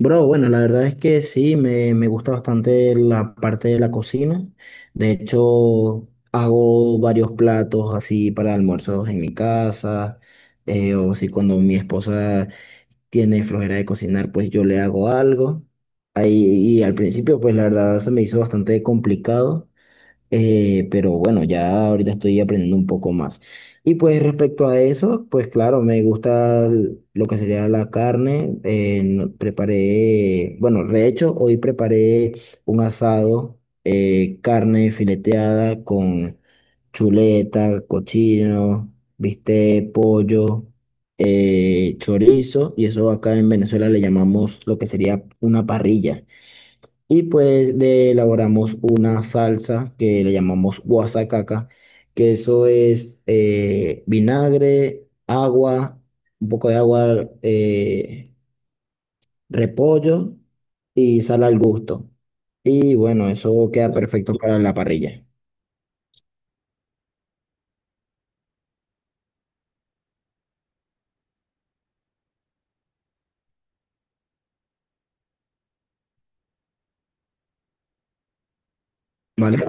Bro, bueno, la verdad es que sí, me gusta bastante la parte de la cocina. De hecho, hago varios platos así para almuerzos en mi casa, o si cuando mi esposa tiene flojera de cocinar, pues yo le hago algo. Ahí, y al principio, pues la verdad se me hizo bastante complicado. Pero bueno, ya ahorita estoy aprendiendo un poco más. Y pues respecto a eso, pues claro, me gusta lo que sería la carne. Preparé, bueno, de hecho, hoy preparé un asado, carne fileteada con chuleta, cochino, bistec, pollo, chorizo. Y eso acá en Venezuela le llamamos lo que sería una parrilla. Y pues le elaboramos una salsa que le llamamos guasacaca, que eso es vinagre, agua, un poco de agua, repollo y sal al gusto. Y bueno, eso queda perfecto para la parrilla, ¿vale?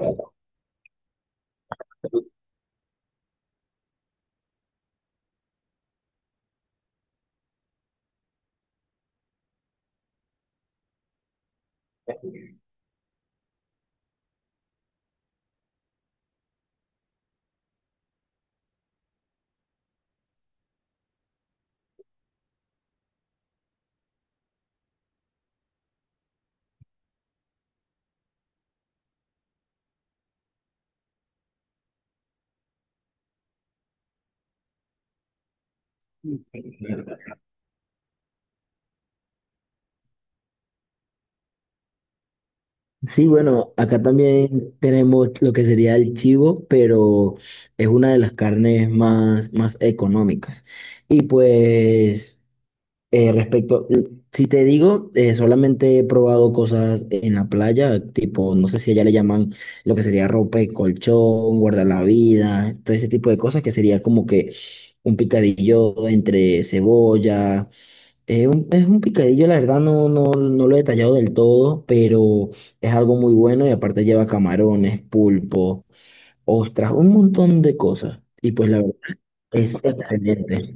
Sí, bueno, acá también tenemos lo que sería el chivo, pero es una de las carnes más económicas. Y pues... Eh, respecto, si te digo, solamente he probado cosas en la playa, tipo, no sé si allá le llaman lo que sería ropa y colchón, guardar la vida, todo ese tipo de cosas que sería como que un picadillo entre cebolla. Es un picadillo, la verdad no lo he detallado del todo, pero es algo muy bueno y aparte lleva camarones, pulpo, ostras, un montón de cosas. Y pues la verdad es excelente.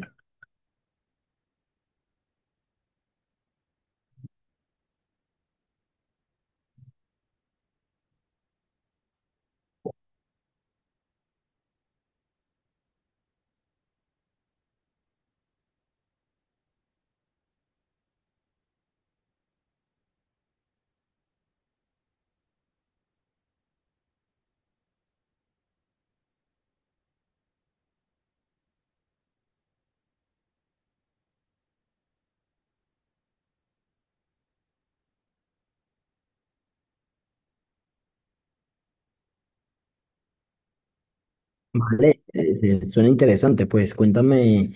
Vale, suena interesante, pues cuéntame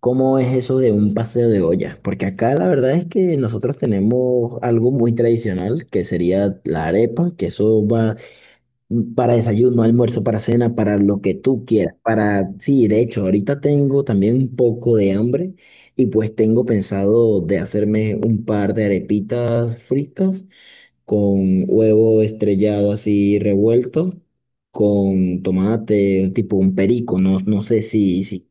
cómo es eso de un paseo de olla, porque acá la verdad es que nosotros tenemos algo muy tradicional que sería la arepa, que eso va para desayuno, almuerzo, para cena, para lo que tú quieras, para, sí, de hecho, ahorita tengo también un poco de hambre y pues tengo pensado de hacerme un par de arepitas fritas con huevo estrellado así revuelto, con tomate, tipo un perico, no, no sé si, si...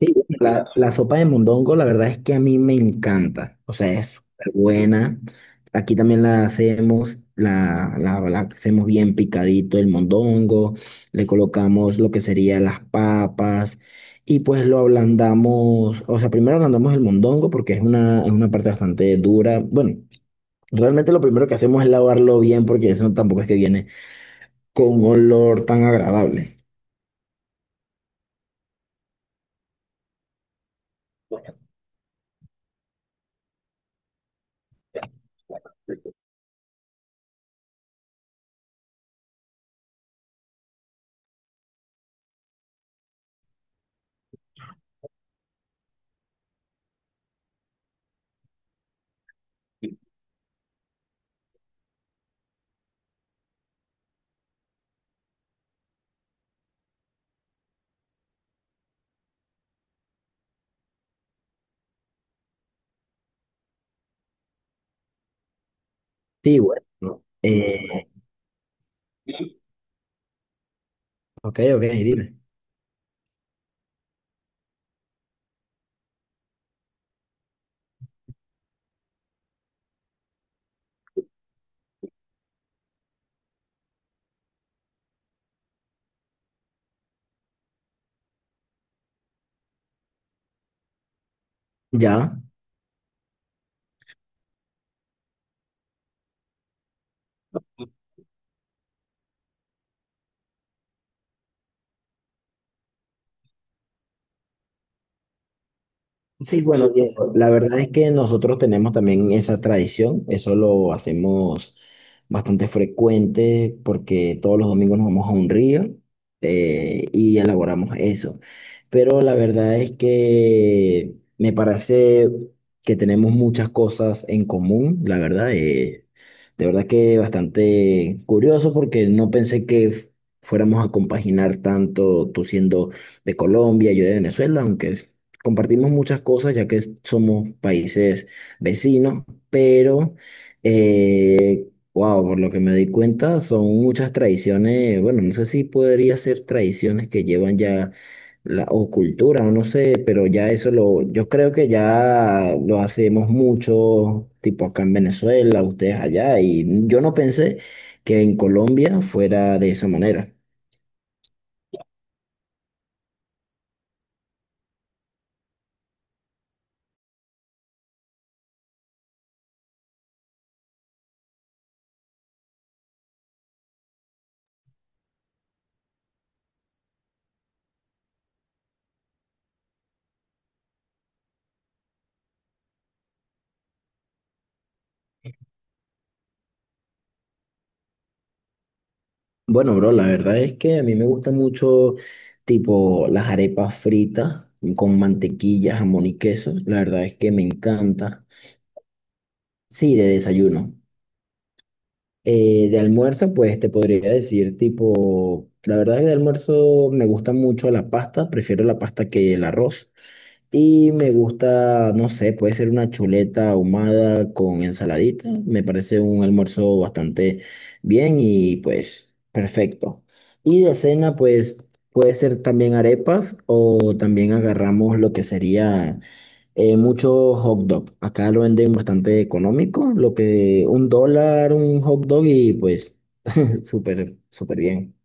Sí, bueno, la sopa de mondongo, la verdad es que a mí me encanta, o sea, es súper buena. Aquí también la hacemos, la hacemos bien picadito el mondongo, le colocamos lo que serían las papas y pues lo ablandamos, o sea, primero ablandamos el mondongo porque es una parte bastante dura, bueno, realmente lo primero que hacemos es lavarlo bien porque eso tampoco es que viene con olor tan agradable. Sí, bueno. ¿No? Ok, ok, dime. Ya. Sí, bueno, Diego, la verdad es que nosotros tenemos también esa tradición, eso lo hacemos bastante frecuente porque todos los domingos nos vamos a un río, y elaboramos eso. Pero la verdad es que me parece que tenemos muchas cosas en común, la verdad, de verdad que bastante curioso porque no pensé que fuéramos a compaginar tanto tú siendo de Colombia, yo de Venezuela, aunque compartimos muchas cosas ya que somos países vecinos, pero, eh, wow, por lo que me di cuenta, son muchas tradiciones, bueno, no sé si podría ser tradiciones que llevan ya, la, o cultura, no sé, pero ya eso lo, yo creo que ya lo hacemos mucho, tipo acá en Venezuela, ustedes allá, y yo no pensé que en Colombia fuera de esa manera. Bueno, bro, la verdad es que a mí me gusta mucho, tipo, las arepas fritas con mantequilla, jamón y queso. La verdad es que me encanta. Sí, de desayuno. De almuerzo, pues te podría decir, tipo, la verdad es que de almuerzo me gusta mucho la pasta, prefiero la pasta que el arroz. Y me gusta, no sé, puede ser una chuleta ahumada con ensaladita. Me parece un almuerzo bastante bien y pues perfecto. Y de cena, pues puede ser también arepas o también agarramos lo que sería mucho hot dog. Acá lo venden bastante económico, lo que un dólar, un hot dog y pues súper bien.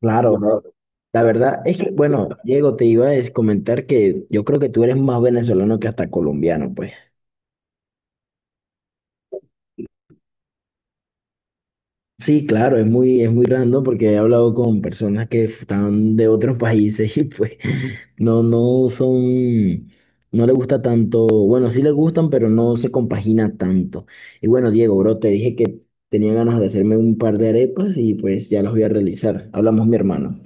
Claro, bro. La verdad es que, bueno, Diego, te iba a comentar que yo creo que tú eres más venezolano que hasta colombiano, pues. Sí, claro, es muy random porque he hablado con personas que están de otros países y pues no, no son, no les gusta tanto, bueno, sí les gustan, pero no se compagina tanto. Y bueno, Diego, bro, te dije que tenía ganas de hacerme un par de arepas y pues ya las voy a realizar. Hablamos, mi hermano.